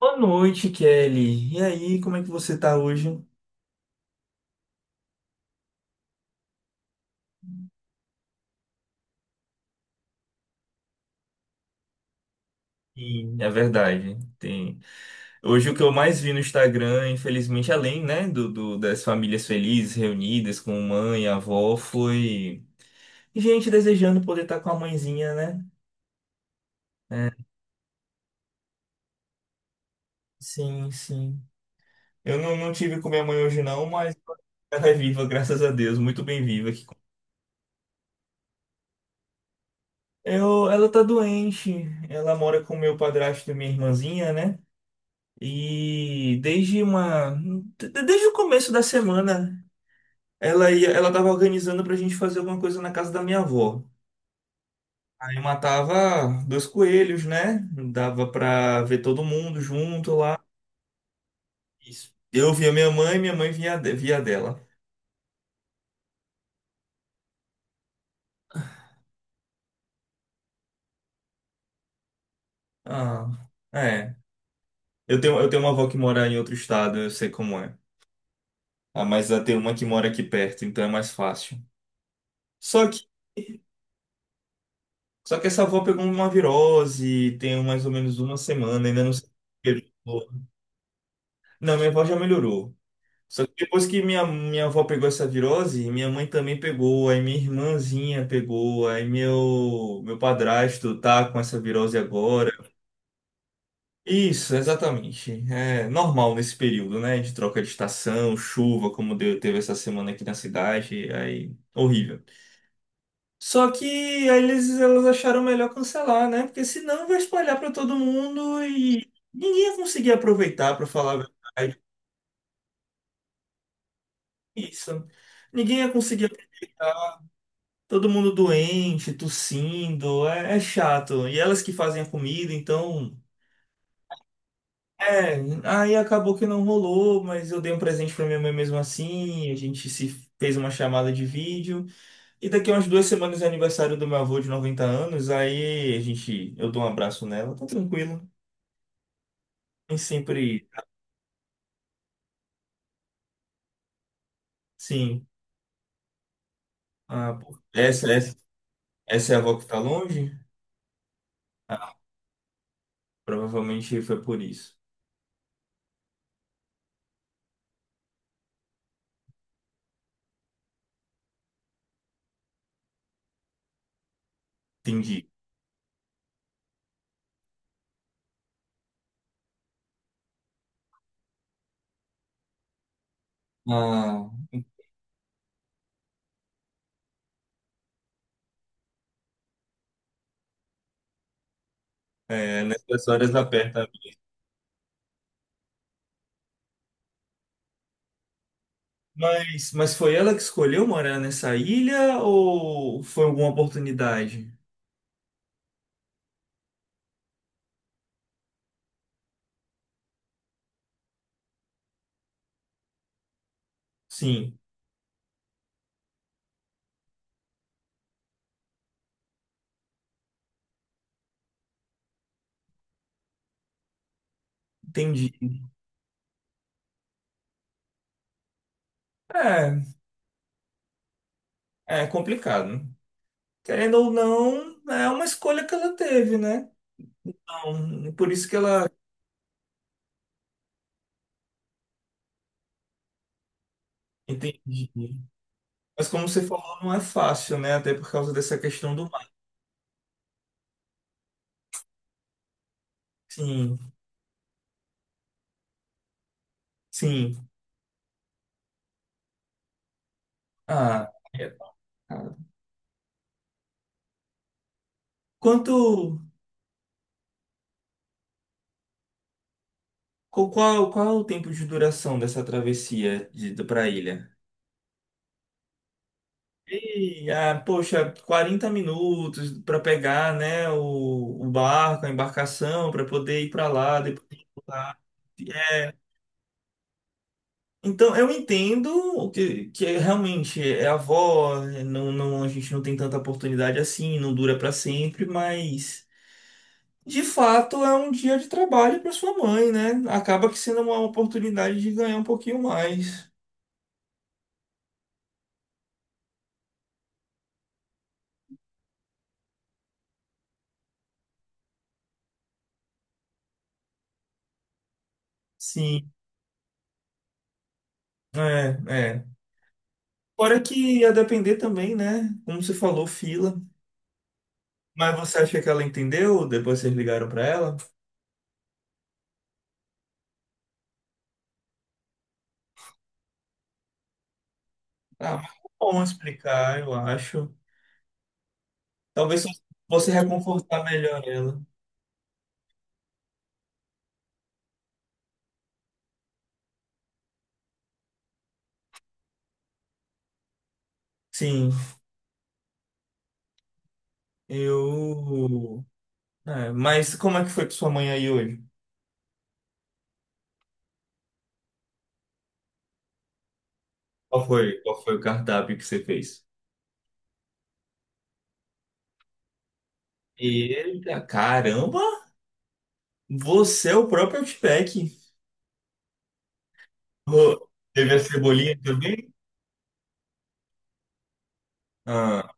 Boa noite, Kelly. E aí, como é que você tá hoje? E é verdade, tem. Hoje o que eu mais vi no Instagram, infelizmente, além, né, das famílias felizes reunidas com mãe, e avó, foi gente desejando poder estar com a mãezinha, né? Sim, sim. Eu não tive com minha mãe hoje não, mas ela é viva, graças a Deus, muito bem viva aqui. Ela tá doente. Ela mora com meu padrasto e minha irmãzinha, né? E desde o começo da semana, ela tava organizando pra gente fazer alguma coisa na casa da minha avó. Aí matava dois coelhos, né? Dava pra ver todo mundo junto lá. Isso. Eu via minha mãe via dela. Ah, é. Eu tenho uma avó que mora em outro estado, eu sei como é. Ah, mas eu tenho uma que mora aqui perto, então é mais fácil. Só que só que essa avó pegou uma virose, tem mais ou menos uma semana, ainda não sei o que. Não, minha avó já melhorou. Só que depois que minha avó pegou essa virose, minha mãe também pegou, aí minha irmãzinha pegou, aí meu padrasto tá com essa virose agora. Isso, exatamente. É normal nesse período, né? De troca de estação, chuva, como deu, teve essa semana aqui na cidade, aí horrível. Só que aí elas acharam melhor cancelar, né? Porque senão vai espalhar para todo mundo e ninguém ia conseguir aproveitar, para falar a verdade. Isso. Ninguém ia conseguir aproveitar. Todo mundo doente, tossindo, é chato. E elas que fazem a comida, então. É, aí acabou que não rolou, mas eu dei um presente pra minha mãe mesmo assim. A gente se fez uma chamada de vídeo. E daqui a umas 2 semanas é aniversário do meu avô de 90 anos. Aí eu dou um abraço nela, tá tranquilo. Nem sempre. Sim. Ah, pô, essa é a avó que tá longe? Ah, provavelmente foi por isso. Entendi. Ah, é, nessas horas aperta. Mas foi ela que escolheu morar nessa ilha ou foi alguma oportunidade? Sim, entendi. É, é complicado, né? Querendo ou não, é uma escolha que ela teve, né? Então, por isso que ela. Entendi. Mas como você falou, não é fácil, né? Até por causa dessa questão do mar. Sim, sim. Ah, é. Quanto. Qual é o tempo de duração dessa travessia para a ilha? Poxa, 40 minutos para pegar, né, o barco, a embarcação, para poder ir para lá, depois ir pra lá. É, então, eu entendo o que, que é realmente é avó, né, não, a gente não tem tanta oportunidade assim, não dura para sempre, mas de fato é um dia de trabalho para sua mãe, né? Acaba que sendo uma oportunidade de ganhar um pouquinho mais. Sim, é, é. Fora que ia depender também, né? Como você falou, fila. Mas você acha que ela entendeu? Depois vocês ligaram pra ela? Ah, mas é bom explicar, eu acho. Talvez você reconfortar melhor ela. Sim, eu. É, mas como é que foi com sua mãe aí hoje? Qual foi o cardápio que você fez? Eita, caramba! Você é o próprio Outback. Ô. Teve a cebolinha também? Ah,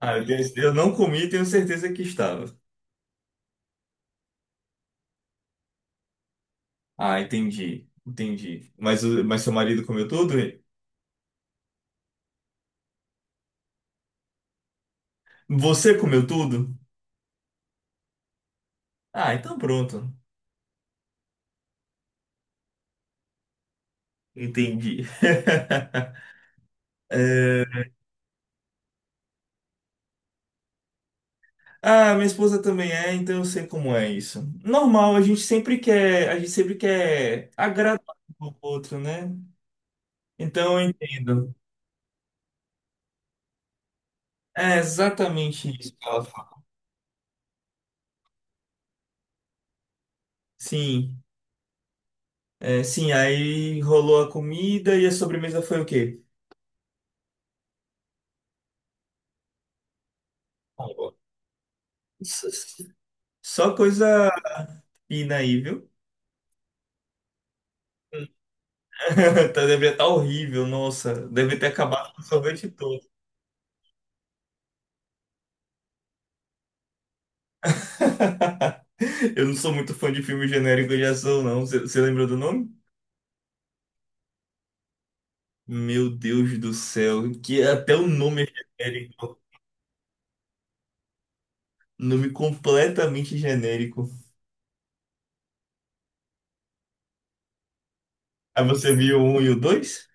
ah, eu não comi, tenho certeza que estava. Ah, entendi, entendi. Mas, mas seu marido comeu tudo? Você comeu tudo? Ah, então pronto. Entendi. É. Ah, minha esposa também é, então eu sei como é isso. Normal, a gente sempre quer agradar o outro, né? Então eu entendo. É exatamente isso que ela fala. Sim, é, sim, aí rolou a comida e a sobremesa foi o quê? Ó, s- s- só coisa fina aí, viu? Tá, deve estar horrível, nossa. Deve ter acabado com o sorvete todo. Eu não sou muito fã de filme genérico de ação, não. Você lembrou do nome? Meu Deus do céu, que até o nome é genérico. Nome completamente genérico. Aí você viu o um e o dois?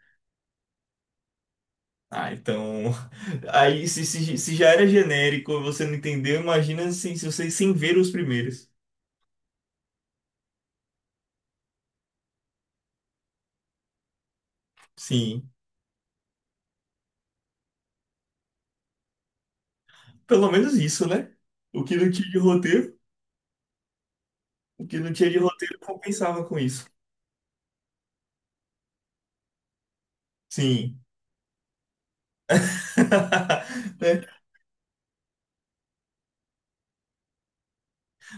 Ah, então. Aí se já era genérico, você não entendeu, imagina assim, se você sem ver os primeiros. Sim. Pelo menos isso, né? O que não tinha de roteiro, o que não tinha de roteiro compensava com isso. Sim. É.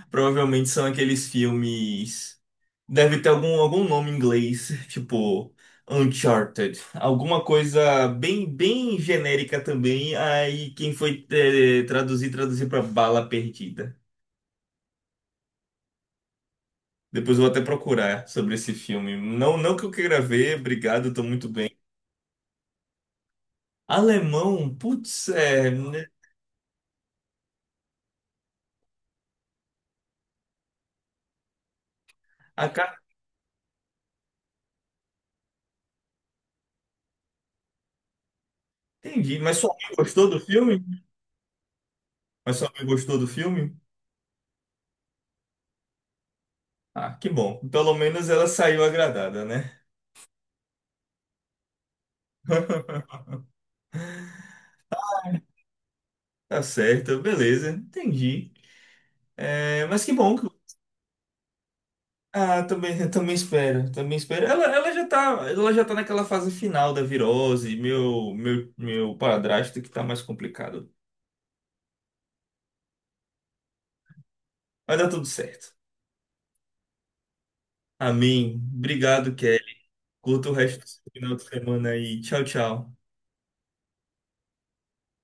Provavelmente são aqueles filmes. Deve ter algum nome em inglês, tipo Uncharted. Alguma coisa bem, bem genérica também. Aí quem foi traduzir pra Bala Perdida. Depois eu vou até procurar sobre esse filme. Não, não que eu queira ver, obrigado, tô muito bem. Alemão, putz, é, né? A cara, entendi. Mas sua mãe gostou do filme? Mas sua mãe gostou do filme? Ah, que bom. Pelo menos ela saiu agradada, né? Tá certo, beleza, entendi. É, mas que bom que. Ah, também, eu também espero, também espero. Ela já tá naquela fase final da virose, meu padrasto que tá mais complicado. Vai dar tudo certo. Amém. Obrigado, Kelly. Curta o resto do seu final de semana aí. Tchau, tchau.